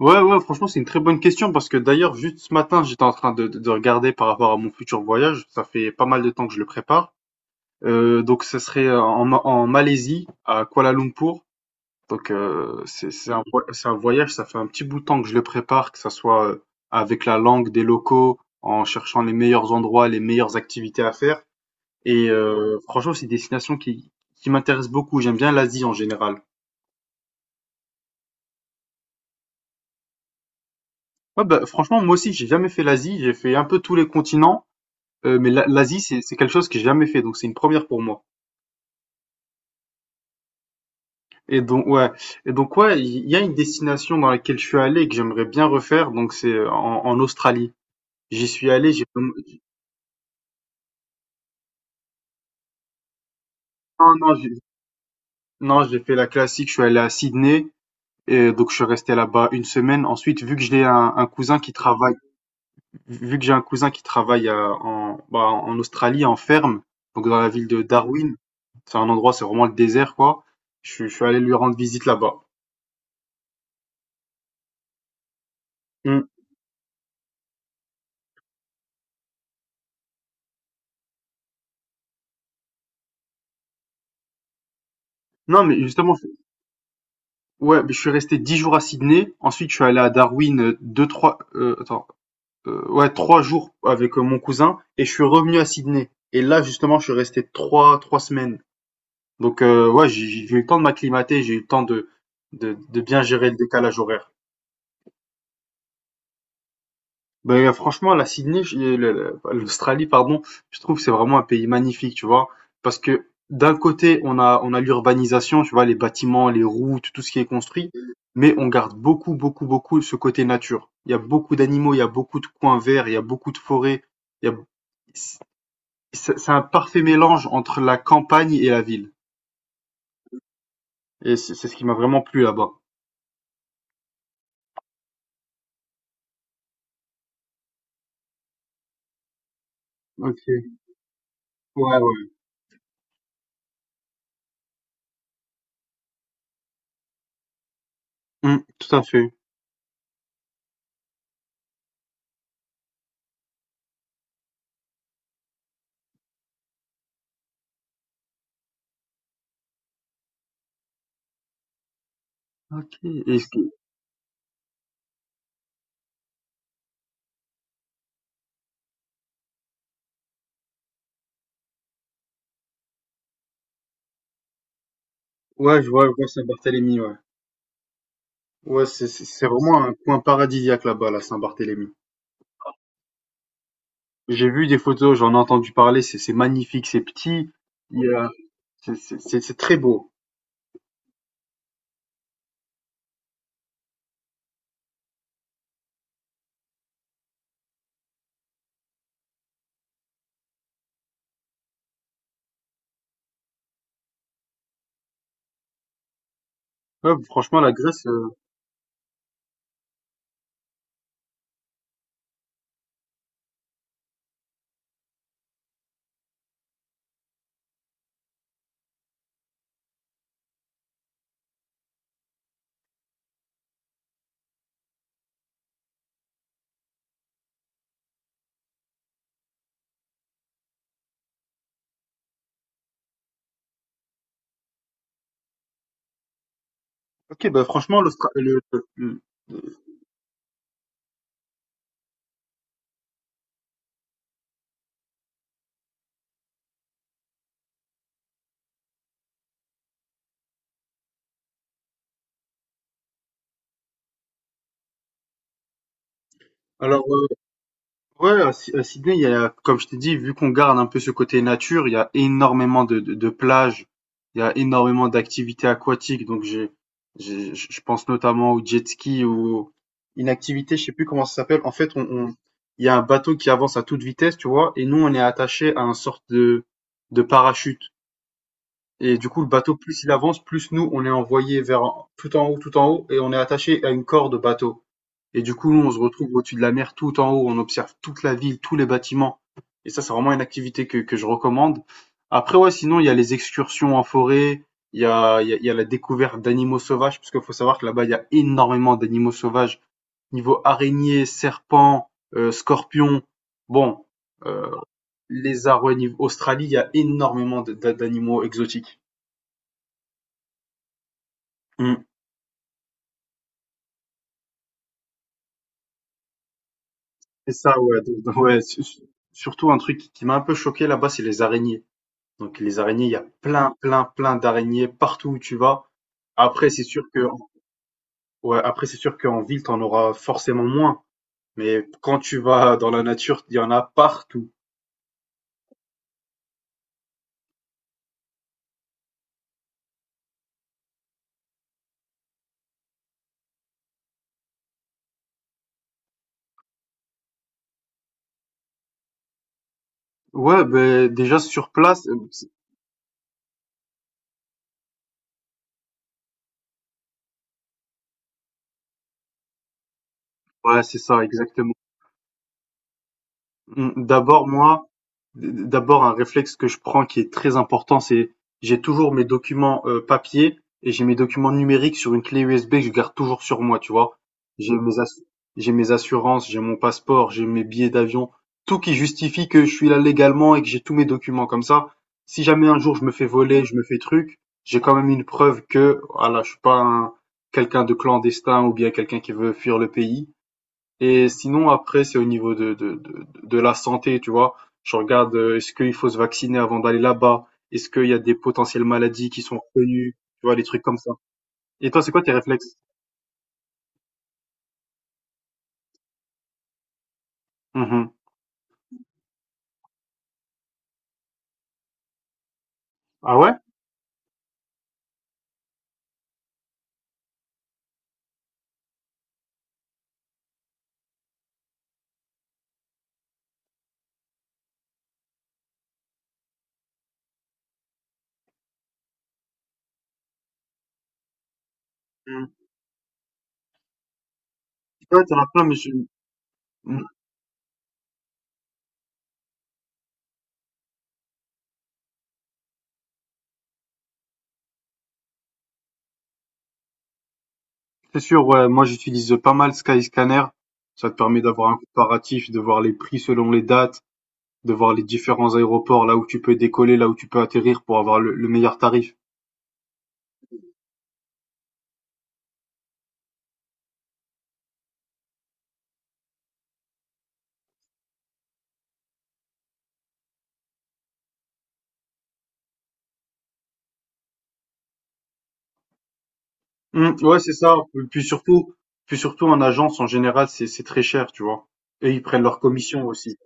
Ouais, ouais, franchement, c'est une très bonne question parce que d'ailleurs, juste ce matin, j'étais en train de regarder par rapport à mon futur voyage. Ça fait pas mal de temps que je le prépare. Donc, ça serait en Malaisie, à Kuala Lumpur. Donc, c'est un voyage, ça fait un petit bout de temps que je le prépare, que ça soit avec la langue des locaux, en cherchant les meilleurs endroits, les meilleures activités à faire. Et franchement, c'est une destination qui m'intéresse beaucoup. J'aime bien l'Asie en général. Ouais, bah, franchement, moi aussi, j'ai jamais fait l'Asie. J'ai fait un peu tous les continents. Mais l'Asie, c'est quelque chose que j'ai jamais fait, donc c'est une première pour moi. Et donc ouais, et donc ouais, il y a une destination dans laquelle je suis allé et que j'aimerais bien refaire, donc c'est en Australie. J'y suis allé. J'ai Non, non, j'ai fait la classique, je suis allé à Sydney et donc je suis resté là-bas une semaine. Ensuite, vu que j'ai un cousin qui travaille en Australie en ferme, donc dans la ville de Darwin, c'est un endroit, c'est vraiment le désert quoi. Je suis allé lui rendre visite là-bas. Hum. Non mais justement. Ouais, mais je suis resté 10 jours à Sydney. Ensuite, je suis allé à Darwin, 2-3, attends, ouais, 3 jours avec, mon cousin et je suis revenu à Sydney. Et là, justement, je suis resté trois semaines. Donc, ouais, j'ai eu le temps de m'acclimater, j'ai eu le temps de bien gérer le décalage horaire. Beh, franchement, la Sydney, je- le- l'Australie, pardon, je trouve que c'est vraiment un pays magnifique, tu vois, parce que d'un côté, on a l'urbanisation, tu vois, les bâtiments, les routes, tout ce qui est construit, mais on garde beaucoup, beaucoup, beaucoup ce côté nature. Il y a beaucoup d'animaux, il y a beaucoup de coins verts, il y a beaucoup de forêts, il y a, c'est c'est un parfait mélange entre la campagne et la ville. Et c'est ce qui m'a vraiment plu là-bas. Ok, ouais, ouais. Mm, tout à fait. Ok. Et ce que- ouais, je vois Saint-Barthélemy, ouais. Ouais, c'est vraiment un coin paradisiaque là-bas, la Saint-Barthélemy. J'ai vu des photos, j'en ai entendu parler, c'est magnifique, c'est petit. Il y a- c'est c'est- c'est- c'est très beau. Ouais, franchement, la Grèce. Ok, bah franchement, le- alors euh, Ouais, à Sydney, il y a, comme je t'ai dit, vu qu'on garde un peu ce côté nature, il y a énormément de plages, il y a énormément d'activités aquatiques. Donc, je pense notamment au jet ski ou une activité, je sais plus comment ça s'appelle. En fait, il y a un bateau qui avance à toute vitesse, tu vois, et nous, on est attaché à un sorte de parachute. Et du coup, le bateau, plus il avance, plus nous, on est envoyé tout en haut, et on est attaché à une corde bateau. Et du coup, nous, on se retrouve au-dessus de la mer, tout en haut, on observe toute la ville, tous les bâtiments. Et ça, c'est vraiment une activité que je recommande. Après, ouais, sinon, il y a les excursions en forêt, il y a, il y a, il y a la découverte d'animaux sauvages, parce qu'il faut savoir que là-bas, il y a énormément d'animaux sauvages, niveau araignées, serpents, scorpions. Bon, euh, lézards, ouais, niveau Australie, il y a énormément d'animaux exotiques. Mm. Et ça, ouais, ouais, surtout un truc qui m'a un peu choqué là-bas, c'est les araignées. Donc les araignées, il y a plein, plein, plein d'araignées partout où tu vas. Après, c'est sûr que, ouais, après, c'est sûr qu'en ville, t'en auras forcément moins. Mais quand tu vas dans la nature, il y en a partout. Ouais, ben déjà sur place, ouais, c'est ça, exactement. Mmh, d'abord moi, d d'abord un réflexe que je prends qui est très important, c'est j'ai toujours mes documents, papier et j'ai mes documents numériques sur une clé USB que je garde toujours sur moi, tu vois? J'ai mes assu j'ai mes assurances, j'ai mon passeport, j'ai mes billets d'avion, tout qui justifie que je suis là légalement et que j'ai tous mes documents comme ça. Si jamais un jour je me fais voler, je me fais truc, j'ai quand même une preuve que voilà, je suis pas un quelqu'un de clandestin ou bien quelqu'un qui veut fuir le pays. Et sinon, après, c'est au niveau de la santé, tu vois. Je regarde, est-ce qu'il faut se vacciner avant d'aller là-bas? Est-ce qu'il y a des potentielles maladies qui sont reconnues? Tu vois, des trucs comme ça. Et toi, c'est quoi tes réflexes? Mhm. Ah ouais? Mhm. Ouais, t'en as plein, mais je. Mhm. C'est sûr, ouais. Moi, j'utilise pas mal Skyscanner. Ça te permet d'avoir un comparatif, de voir les prix selon les dates, de voir les différents aéroports, là où tu peux décoller, là où tu peux atterrir pour avoir le meilleur tarif. Mmh, ouais, c'est ça. Puis surtout en agence, en général, c'est très cher, tu vois. Et ils prennent leur commission aussi.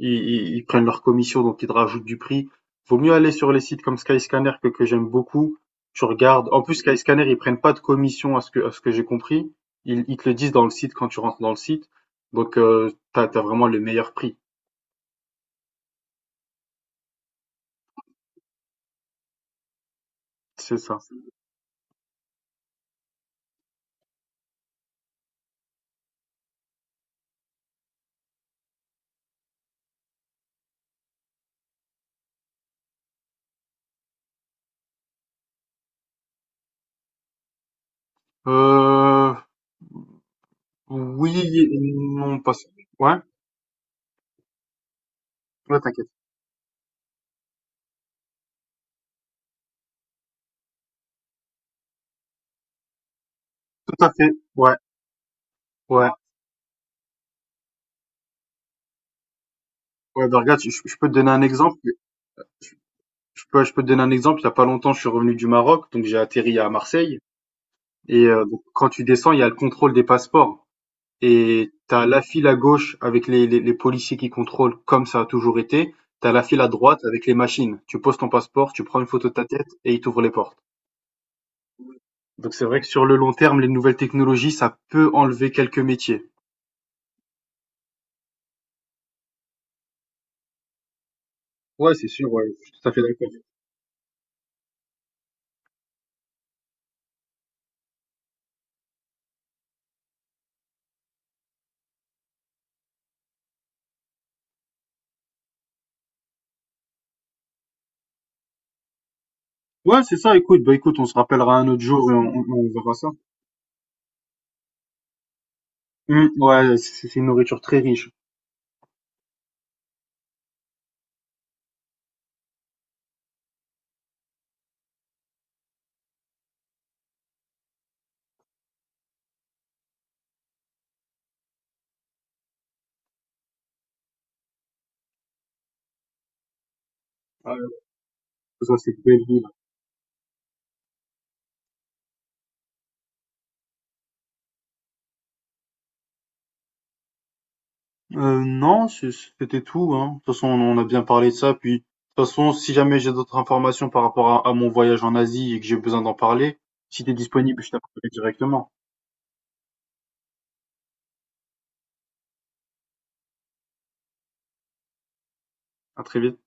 Ils prennent leur commission, donc ils te rajoutent du prix. Vaut mieux aller sur les sites comme Skyscanner que j'aime beaucoup. Tu regardes. En plus, Skyscanner, ils prennent pas de commission à ce que j'ai compris. Ils te le disent dans le site quand tu rentres dans le site. Donc, t'as vraiment le meilleur prix. C'est ça. Euh, oui et non, pas. Ouais, ouais, t'inquiète. Tout à fait. Ouais, ouais. Ouais, ben regarde, je peux te donner un exemple. Je peux te donner un exemple, il y a pas longtemps, je suis revenu du Maroc, donc j'ai atterri à Marseille et donc quand tu descends, il y a le contrôle des passeports et t'as la file à gauche avec les policiers qui contrôlent comme ça a toujours été. T'as la file à droite avec les machines. Tu poses ton passeport, tu prends une photo de ta tête et ils t'ouvrent les portes. Donc c'est vrai que sur le long terme, les nouvelles technologies, ça peut enlever quelques métiers. Ouais, c'est sûr, ouais, je suis tout à fait d'accord. Ouais, c'est ça, écoute, on se rappellera un autre jour et on verra ça. Mmh, ouais, c'est une nourriture très riche. Ouais, ça c'est Non, c'était tout, hein. De toute façon, on a bien parlé de ça, puis de toute façon, si jamais j'ai d'autres informations par rapport à mon voyage en Asie et que j'ai besoin d'en parler, si t'es disponible, je t'appelle directement. À très vite.